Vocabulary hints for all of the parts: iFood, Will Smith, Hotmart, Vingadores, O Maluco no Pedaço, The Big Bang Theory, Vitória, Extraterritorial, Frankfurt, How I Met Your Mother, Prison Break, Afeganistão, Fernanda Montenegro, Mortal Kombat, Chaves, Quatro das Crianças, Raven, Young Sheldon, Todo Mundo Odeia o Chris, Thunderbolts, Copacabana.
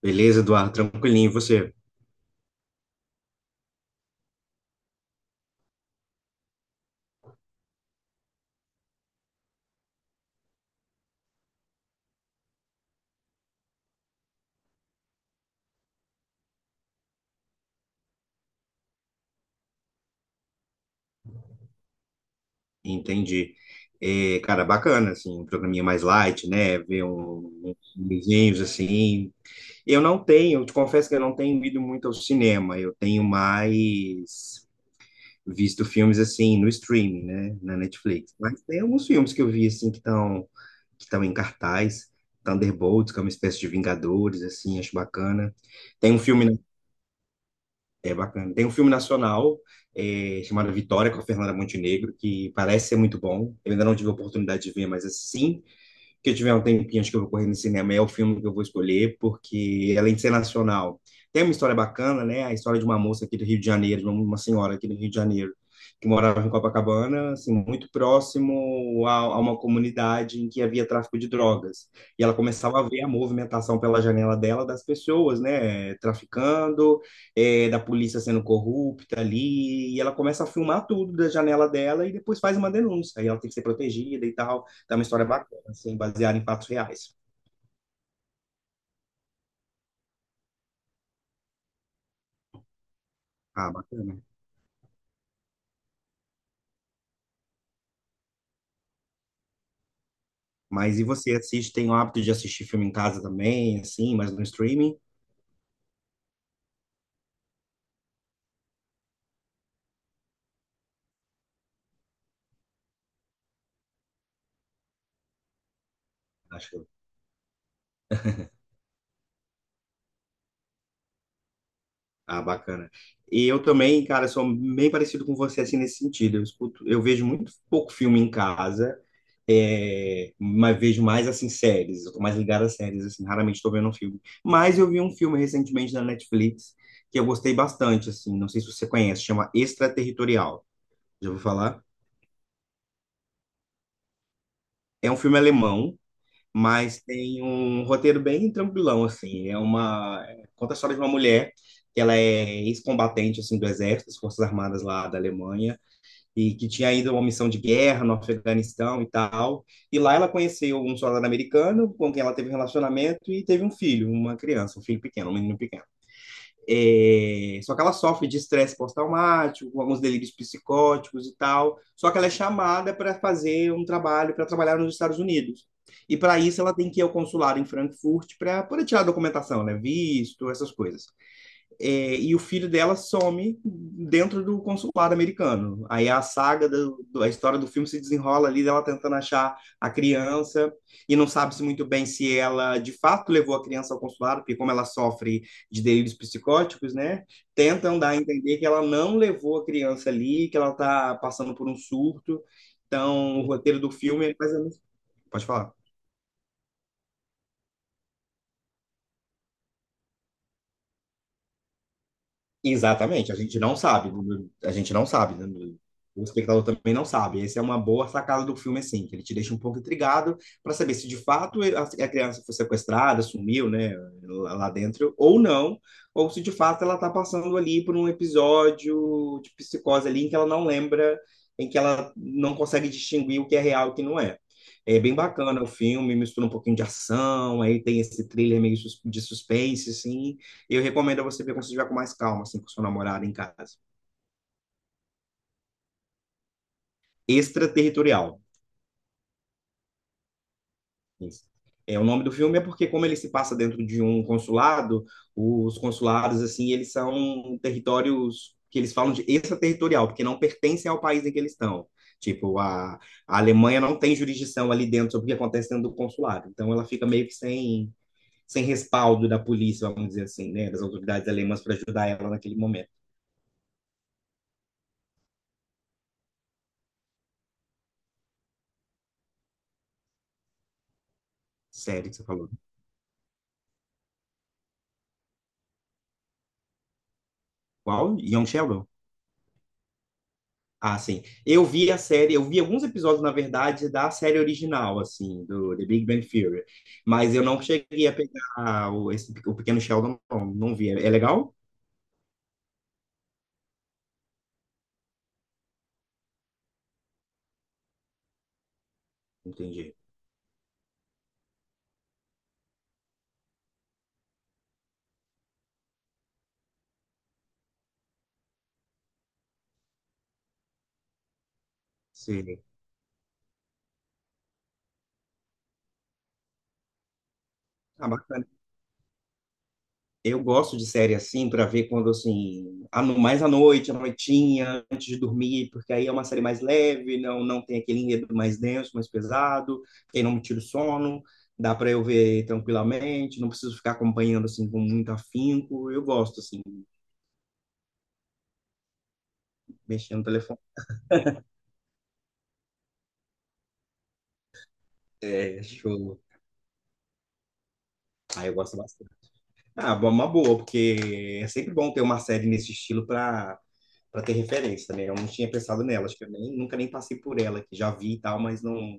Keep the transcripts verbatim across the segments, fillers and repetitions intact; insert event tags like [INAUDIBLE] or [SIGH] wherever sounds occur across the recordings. Beleza, Eduardo? Tranquilinho, e você? Entendi. É, cara, bacana, assim, um programinha mais light, né? Ver um, um, uns filmezinhos, assim. Eu não tenho, eu te confesso que eu não tenho ido muito ao cinema. Eu tenho mais visto filmes, assim, no streaming, né? Na Netflix. Mas tem alguns filmes que eu vi, assim, que estão que estão em cartaz. Thunderbolts, que é uma espécie de Vingadores, assim, acho bacana. Tem um filme É bacana. Tem um filme nacional eh, chamado Vitória com a Fernanda Montenegro, que parece ser muito bom. Eu ainda não tive a oportunidade de ver, mas assim que eu tiver um tempinho, acho que eu vou correr no cinema, é o filme que eu vou escolher, porque é além de ser nacional, tem uma história bacana, né? A história de uma moça aqui do Rio de Janeiro, de uma uma senhora aqui do Rio de Janeiro, que morava em Copacabana, assim, muito próximo a, a uma comunidade em que havia tráfico de drogas. E ela começava a ver a movimentação pela janela dela das pessoas, né, traficando, eh, da polícia sendo corrupta ali, e ela começa a filmar tudo da janela dela e depois faz uma denúncia. E ela tem que ser protegida e tal. Então, é uma história assim, baseado em fatos reais. Ah, bacana. Mas e você assiste, tem o hábito de assistir filme em casa também, assim, mas no streaming? Acho que... Ah, bacana. E eu também, cara, sou bem parecido com você, assim, nesse sentido. Eu escuto, eu vejo muito pouco filme em casa, é, mas vejo mais, assim, séries. Eu tô mais ligado a séries, assim, raramente tô vendo um filme. Mas eu vi um filme recentemente na Netflix que eu gostei bastante, assim, não sei se você conhece, chama Extraterritorial. Já ouviu falar? É um filme alemão, mas tem um roteiro bem tranquilão, assim. É uma... Conta a história de uma mulher que ela é ex-combatente, assim, do exército, das Forças Armadas lá da Alemanha, e que tinha ido a uma missão de guerra no Afeganistão e tal. E lá ela conheceu um soldado americano com quem ela teve um relacionamento e teve um filho, uma criança, um filho pequeno, um menino pequeno. É, só que ela sofre de estresse pós-traumático, com alguns delírios psicóticos e tal. Só que ela é chamada para fazer um trabalho, para trabalhar nos Estados Unidos. E para isso ela tem que ir ao consulado em Frankfurt para poder tirar a documentação, né? Visto, essas coisas. É, e o filho dela some dentro do consulado americano. Aí a saga, do, do- a história do filme se desenrola ali dela tentando achar a criança e não sabe-se muito bem se ela de fato levou a criança ao consulado, porque como ela sofre de delírios psicóticos, né? Tentam dar a entender que ela não levou a criança ali, que ela está passando por um surto. Então, o roteiro do filme é mais ou menos... Pode falar. Exatamente, a gente não sabe, a gente não sabe, né? O espectador também não sabe. Essa é uma boa sacada do filme, assim, que ele te deixa um pouco intrigado para saber se de fato a a criança foi sequestrada, sumiu, né, lá lá dentro, ou não, ou se de fato ela está passando ali por um episódio de psicose ali em que ela não lembra, em que ela não consegue distinguir o que é real e o que não é. É bem bacana o filme, mistura um pouquinho de ação, aí tem esse thriller meio sus- de suspense, assim. Eu recomendo a você ver quando você estiver com mais calma, assim, com seu namorado em casa. Extraterritorial. Isso. É, o nome do filme é porque, como ele se passa dentro de um consulado, os consulados, assim, eles são territórios que eles falam de extraterritorial, porque não pertencem ao país em que eles estão. Tipo, a, a Alemanha não tem jurisdição ali dentro sobre o que acontece dentro do consulado. Então, ela fica meio que sem, sem respaldo da polícia, vamos dizer assim, né? Das autoridades alemãs para ajudar ela naquele momento. Sério que você falou. Qual? Young Sheldon? Ah, sim. Eu vi a série, eu vi alguns episódios, na verdade, da série original, assim, do The Big Bang Theory. Mas eu não cheguei a pegar o, esse- o Pequeno Sheldon, não, não vi. É, é legal? Entendi. Sim. Ah, bacana. Eu gosto de série assim, para ver quando, assim, a no- mais à noite, à noitinha, antes de dormir, porque aí é uma série mais leve, não, não tem aquele enredo mais denso, mais pesado, que aí não me tira o sono. Dá para eu ver tranquilamente, não preciso ficar acompanhando assim com muito afinco. Eu gosto assim. Mexendo no telefone. É, show. Ah, eu gosto bastante. Ah, bom, uma boa, porque é sempre bom ter uma série nesse estilo para para ter referência, né? Eu não tinha pensado nela, acho que eu nem, nunca nem passei por ela, que já vi e tal, mas não.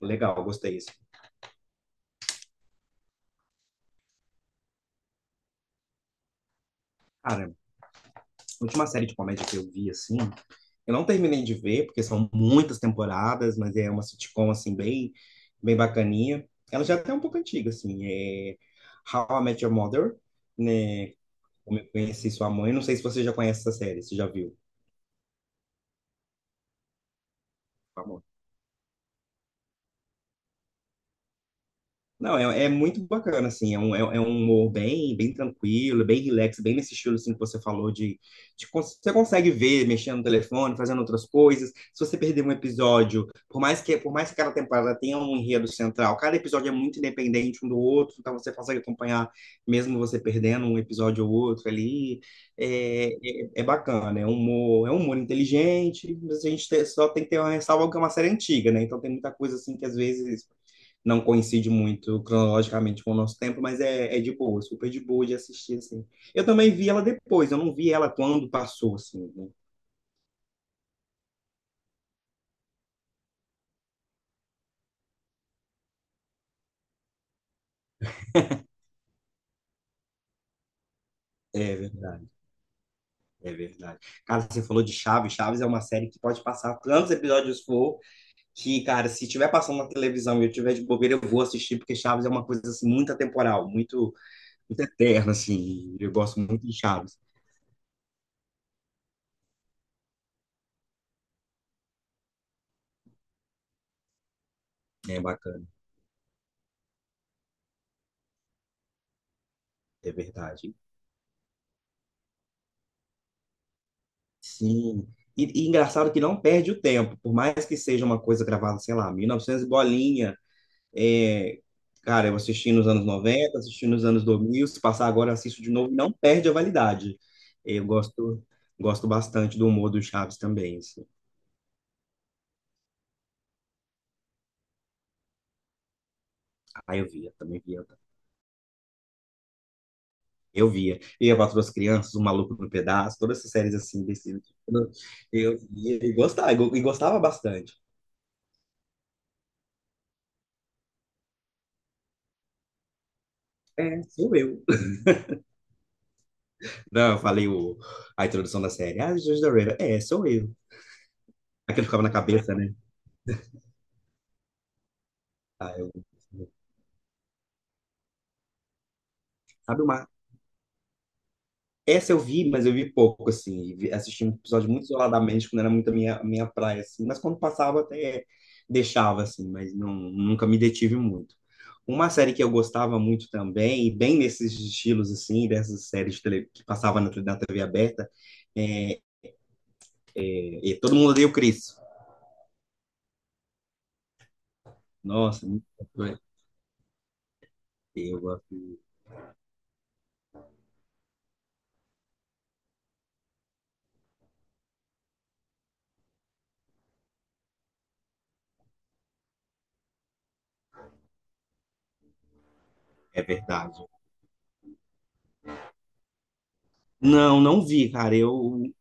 Legal, gostei disso. Cara, a última série de comédia que eu vi, assim, eu não terminei de ver, porque são muitas temporadas, mas é uma sitcom, assim, bem, bem bacaninha. Ela já é até um pouco antiga, assim, é How I Met Your Mother, né? Como eu conheci sua mãe, não sei se você já conhece essa série, se já viu. Vamos. Não, é, é muito bacana, assim, é um, é, é um humor bem, bem tranquilo, bem relax, bem nesse estilo, assim, que você falou de, de cons- Você consegue ver mexendo no telefone, fazendo outras coisas. Se você perder um episódio, por mais que, por mais que cada temporada tenha um enredo central, cada episódio é muito independente um do outro, então você consegue acompanhar, mesmo você perdendo um episódio ou outro ali. É, é, é bacana, é um humor, é um humor inteligente, mas a gente te- só tem que ter uma ressalva que é uma série antiga, né? Então tem muita coisa, assim, que às vezes não coincide muito cronologicamente com o nosso tempo, mas é, é de boa, super de boa de assistir, assim. Eu também vi ela depois, eu não vi ela quando passou, assim, né? É verdade, é verdade. Cara, você falou de Chaves, Chaves é uma série que pode passar tantos episódios for, que, cara, se tiver passando na televisão e eu tiver de bobeira, eu vou assistir, porque Chaves é uma coisa, assim, muito atemporal, muito, muito eterna, assim, eu gosto muito de Chaves. É bacana, é verdade. Sim. E, e engraçado que não perde o tempo, por mais que seja uma coisa gravada, sei lá, mil e novecentos e bolinha. É, cara, eu assisti nos anos noventa assisti nos anos dois mil se passar agora, eu assisto de novo, e não perde a validade. Eu gosto, gosto bastante do humor do Chaves também. Assim. Ah, eu via, também via. Tá? Eu via. Eu, Quatro das Crianças, O Maluco no Pedaço, todas essas séries assim, desse, eu via e gostava, e gostava bastante. É, sou eu. Não, eu falei o, a introdução da série. Ah, Jesus da Raven. É, sou eu. Aquilo ficava na cabeça, né? Ah, eu, sabe uma. Essa eu vi, mas eu vi pouco, assim. Vi- Assisti um episódio muito isoladamente, quando era muito a minha, a minha praia, assim. Mas quando passava, até deixava, assim. Mas não, nunca me detive muito. Uma série que eu gostava muito também, e bem nesses estilos, assim, dessas séries de tele, que passava na, na T V aberta, é, é Todo Mundo Odeia o Chris. Nossa, muito- eu gosto. É verdade. Não, não vi, cara. Eu, o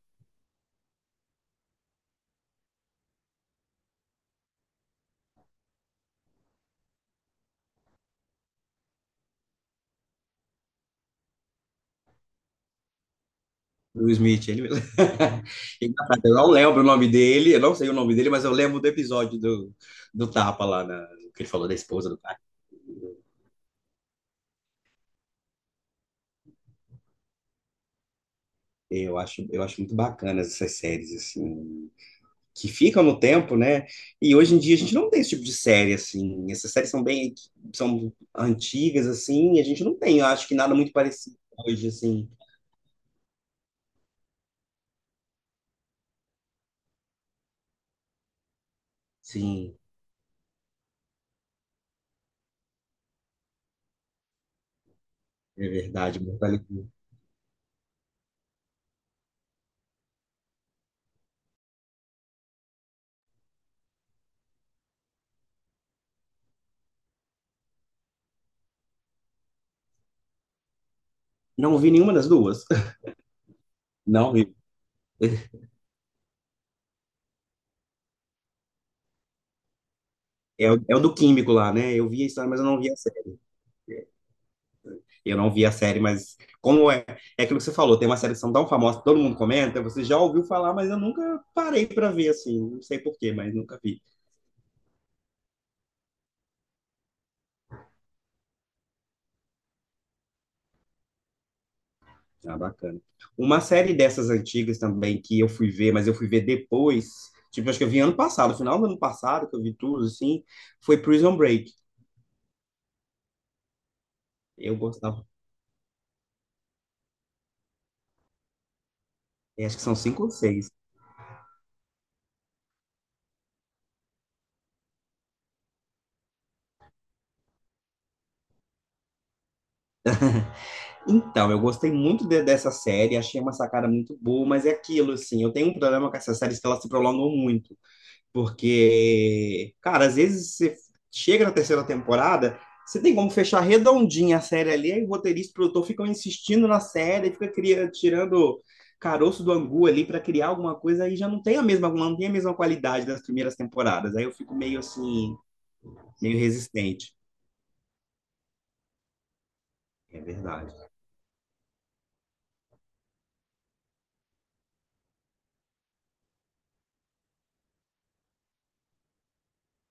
Will Smith, ele mesmo. [LAUGHS] Engraçado, eu não lembro o nome dele, eu não sei o nome dele, mas eu lembro do episódio do, do Tapa lá, na, que ele falou da esposa do cara. Eu acho, eu acho muito bacana essas séries, assim, que ficam no tempo, né? E hoje em dia a gente não tem esse tipo de série, assim. Essas séries são bem, são antigas, assim, e a gente não tem, eu acho que nada muito parecido hoje, assim. Sim, é verdade. Mortal Kombat. Não vi nenhuma das duas. [LAUGHS] Não vi. É o, é o do químico lá, né? Eu vi a história, mas eu não vi a série. Eu não vi a série, mas como é, é aquilo que você falou, tem uma série que são tão famosa, que todo mundo comenta, você já ouviu falar, mas eu nunca parei para ver assim, não sei por quê, mas nunca vi. Ah, bacana. Uma série dessas antigas também que eu fui ver, mas eu fui ver depois, tipo, acho que eu vi ano passado, final do ano passado, que eu vi tudo assim, foi Prison Break. Eu gostava, é, acho que são cinco ou seis. Então, eu gostei muito de- dessa série, achei uma sacada muito boa, mas é aquilo, assim, eu tenho um problema com essas séries que elas se prolongam muito, porque, cara, às vezes você chega na terceira temporada, você tem como fechar redondinha a série ali, aí o roteirista e o produtor ficam insistindo na série, fica cria- tirando caroço do angu ali para criar alguma coisa, aí já não tem a mesma, não tem a mesma qualidade das primeiras temporadas, aí eu fico meio assim, meio resistente. É verdade.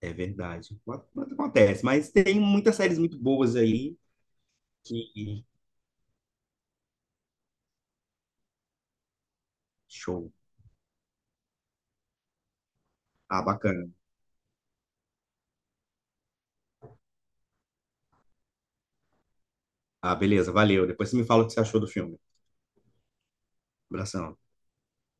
É verdade. Mas acontece, mas tem muitas séries muito boas aí que show. Ah, bacana. Ah, beleza, valeu. Depois você me fala o que você achou do filme. Abração.